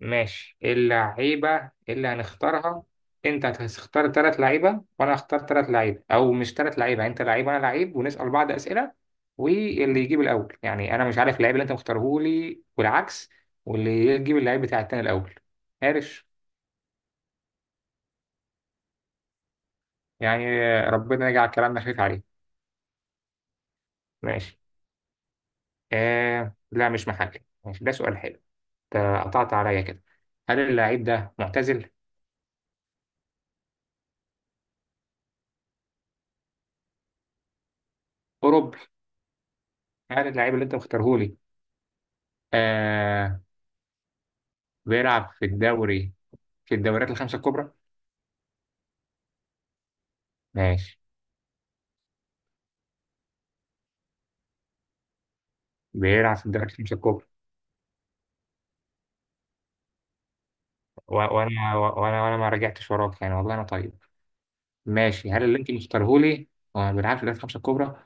ماشي، اللعيبة اللي هنختارها. انت هتختار تلات لعيبة وانا هختار تلات لعيبة، او مش تلات لعيبة، انت لعيب وانا لعيب ونسأل بعض اسئلة. واللي يجيب الاول، يعني انا مش عارف اللعيب اللي انت مختاره لي والعكس. واللي يجيب اللعيب بتاع التاني الاول. عارف يعني. ربنا يجعل كلامنا خفيف عليه. ماشي. آه لا، مش محلي. ماشي، ده سؤال حلو. انت قطعت عليا كده. هل اللعيب ده معتزل؟ اوروبي. هل اللعيب اللي انت مختاره لي، آه، بيلعب في الدوري، في الدوريات الخمسة الكبرى؟ ماشي، بيلعب في الدوريات الخمسة الكبرى. وأنا ما رجعتش وراك يعني، والله أنا طيب. ماشي، هل اللي أنت مختاره لي هو ما بيلعبش في الدوريات الخمسة الكبرى؟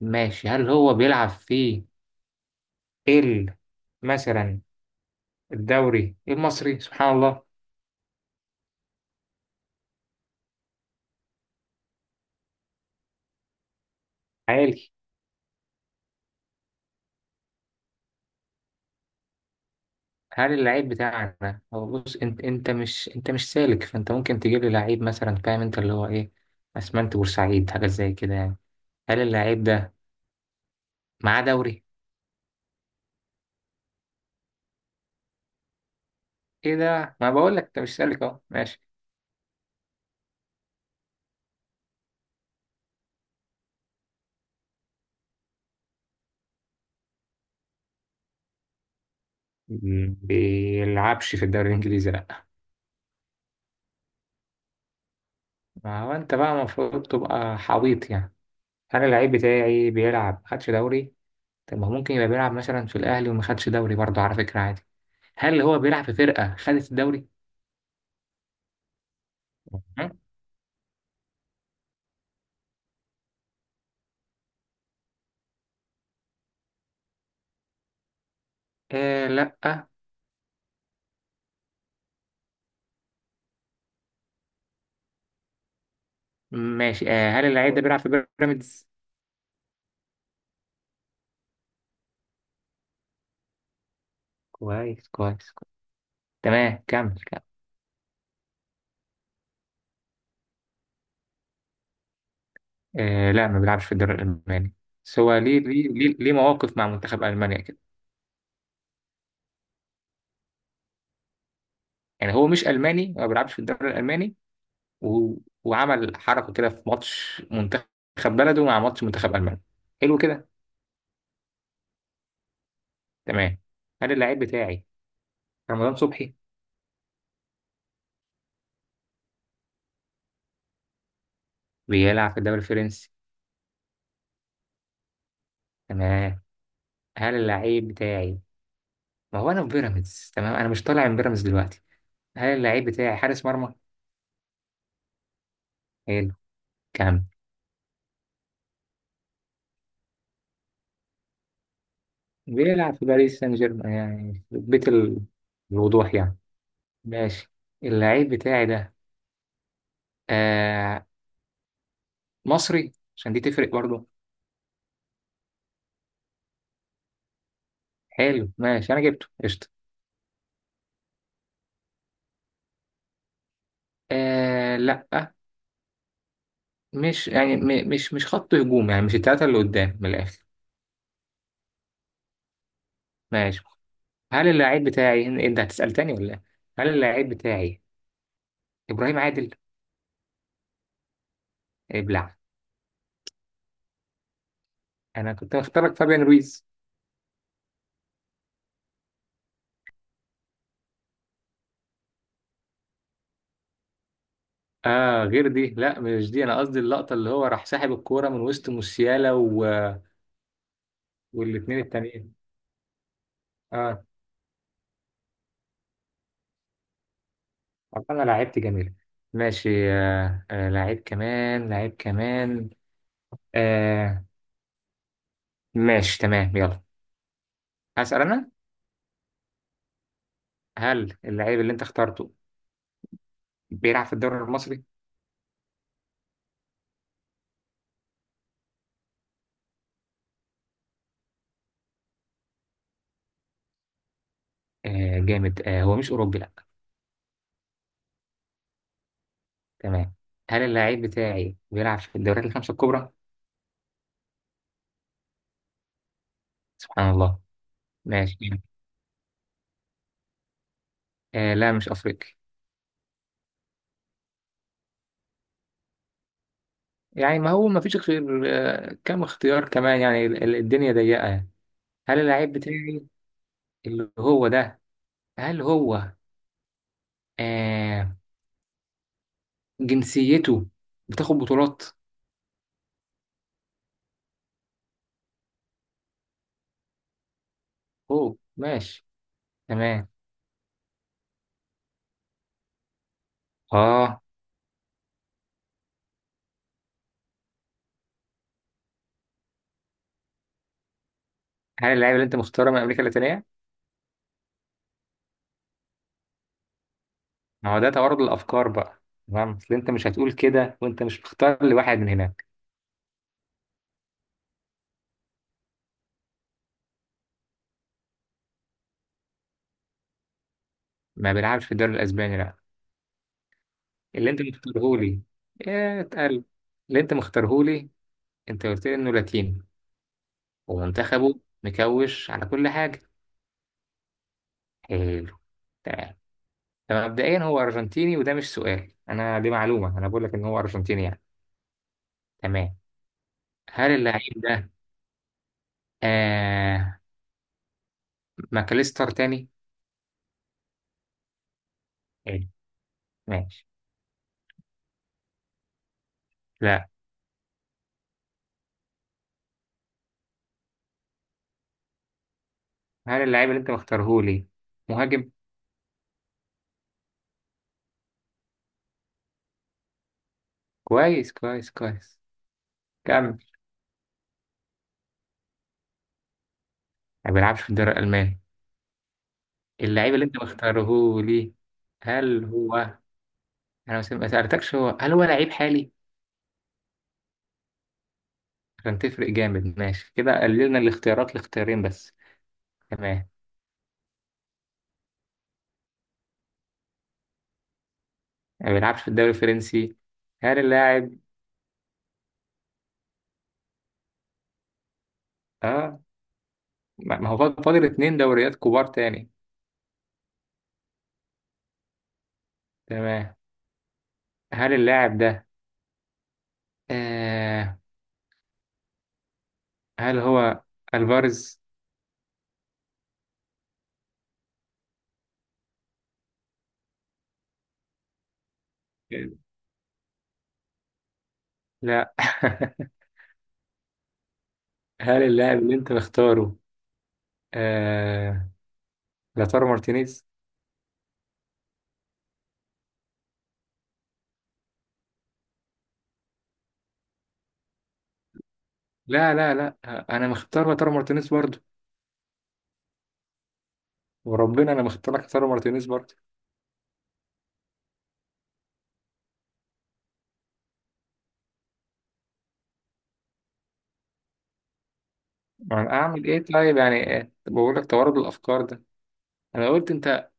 ماشي، هل هو بيلعب في ال مثلا الدوري المصري؟ سبحان الله. عالي. هل اللعيب بتاعنا هو، بص، انت مش سالك، فانت ممكن تجيب لي لعيب مثلا، فاهم، انت اللي هو ايه، اسمنت بورسعيد حاجه زي كده يعني. هل اللعيب ده معاه دوري؟ ايه ده، ما بقول لك انت مش سالك اهو. ماشي. بيلعبش في الدوري الانجليزي لا. ما هو انت بقى المفروض تبقى حويط يعني. انا اللعيب بتاعي بيلعب، ما خدش دوري. طب ما هو ممكن يبقى بيلعب مثلا في الاهلي وما خدش دوري برضه على فكره، عادي. هل هو بيلعب في فرقه خدت الدوري؟ مم. آه لا. ماشي آه، هل اللعيب ده بيلعب في بيراميدز؟ كويس كويس كويس. تمام، كمل كمل. آه لا، ما بيلعبش في الدوري الالماني. بس هو ليه ليه ليه ليه مواقف مع منتخب المانيا كده يعني، هو مش الماني، هو ما بيلعبش في الدوري الالماني و... وعمل حركة كده في ماتش منتخب بلده مع ماتش منتخب ألمانيا. حلو كده. تمام. هل اللعيب بتاعي رمضان صبحي؟ بيلعب في الدوري الفرنسي. تمام. هل اللعيب بتاعي، ما هو أنا في بيراميدز تمام، أنا مش طالع من بيراميدز دلوقتي، هل اللعيب بتاعي حارس مرمى؟ حلو. كام. بيلعب في باريس سان جيرمان يعني الوضوح يعني. ماشي، اللعيب بتاعي ده، آه، مصري، عشان دي تفرق برضه. حلو، ماشي، أنا جبته قشطة. آه لا، مش يعني، مش خط هجوم يعني، مش التلاتة اللي قدام من الآخر. ماشي، هل اللاعب بتاعي أنت هتسأل تاني ولا إيه؟ هل اللاعب بتاعي إبراهيم عادل؟ ابلع. أنا كنت مختارك فابيان رويز. آه غير دي، لا مش دي، أنا قصدي اللقطة اللي هو راح ساحب الكورة من وسط موسيالا والاتنين التانيين. آه. طب أنا لعبت جميل. ماشي، آه آه، لعيب كمان لعيب كمان. آه. ماشي تمام، يلا. هسأل أنا. هل اللعيب اللي أنت اخترته بيلعب في الدوري المصري؟ آه جامد، آه هو مش أوروبي لأ. تمام. هل اللاعب بتاعي بيلعب في الدوريات الخمسة الكبرى؟ سبحان الله. ماشي. آه لا، مش أفريقي. يعني ما هو ما فيش غير، آه كم اختيار كمان يعني، الدنيا ضيقة يعني. هل اللاعب بتاعي اللي هو ده، هل هو، آه، جنسيته بتاخد بطولات؟ أوه ماشي. تمام. آه. هل اللاعب اللي أنت مختاره من أمريكا اللاتينية؟ ما هو ده توارد الأفكار بقى. تمام، أصل أنت مش هتقول كده وأنت مش مختار لواحد من هنا. ما بيلعبش في الدوري الاسباني لا. اللي انت مختارهولي، يا اتقل. اللي انت مختارهولي، انت قلت لي انه لاتيني، ومنتخبه مكوش على كل حاجه. حلو. تمام. فمبدئيا هو ارجنتيني، وده مش سؤال، انا دي معلومه انا بقول لك ان هو ارجنتيني يعني. تمام. هل اللعيب ده، آه، ماكاليستر تاني؟ حلو. ماشي. لا. هل اللعيب اللي انت مختارهولي مهاجم؟ كويس كويس كويس. كمل. ما بيلعبش في الدوري الالماني. اللعيب اللي انت مختاره لي، هل هو، ما سألتكش، هو هل هو لعيب حالي؟ عشان تفرق جامد. ماشي، كده قللنا الاختيارات لاختيارين بس. تمام. ما بيلعبش في الدوري الفرنسي. هل اللاعب. اه ما هو فاضل اتنين دوريات كبار تاني. تمام. هل اللاعب ده، آه، هل هو الفارز؟ لا. هل اللاعب اللي انت مختاره، آه، لاتارو مارتينيز؟ لا لا لا، انا مختار لاتارو مارتينيز برضه. وربنا انا ما اخترت لك خساره مارتينيز برضه. ما انا اعمل ايه طيب يعني، ايه، طب بقول لك توارد الافكار ده. انا قلت انت،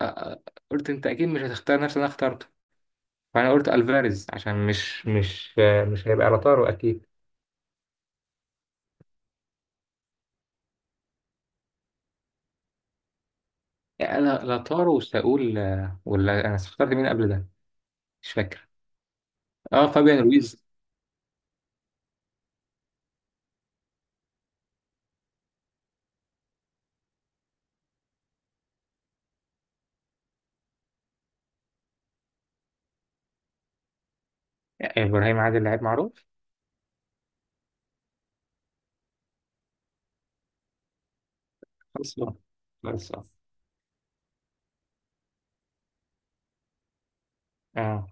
آه، قلت انت اكيد مش هتختار نفس اللي انا اخترته، فانا قلت الفاريز عشان مش مش هيبقى لاتارو اكيد. يعني انا لاتارو وساقول ولا انا اخترت مين قبل ده مش فاكر. اه فابيان رويز. ابراهيم عادل لعيب معروف. خلاص آه. خلاص آه. آه.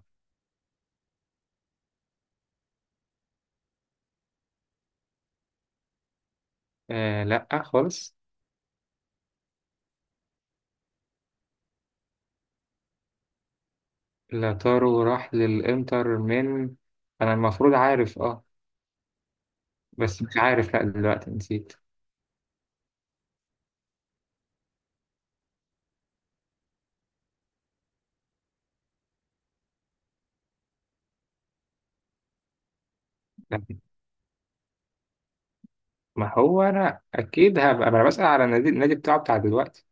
اه لا خالص. لاتارو راح للانتر من، انا المفروض عارف اه، بس مش عارف لا دلوقتي نسيت. ما هو انا اكيد هبقى، ما انا بسأل على النادي، النادي بتاعه بتاع دلوقتي.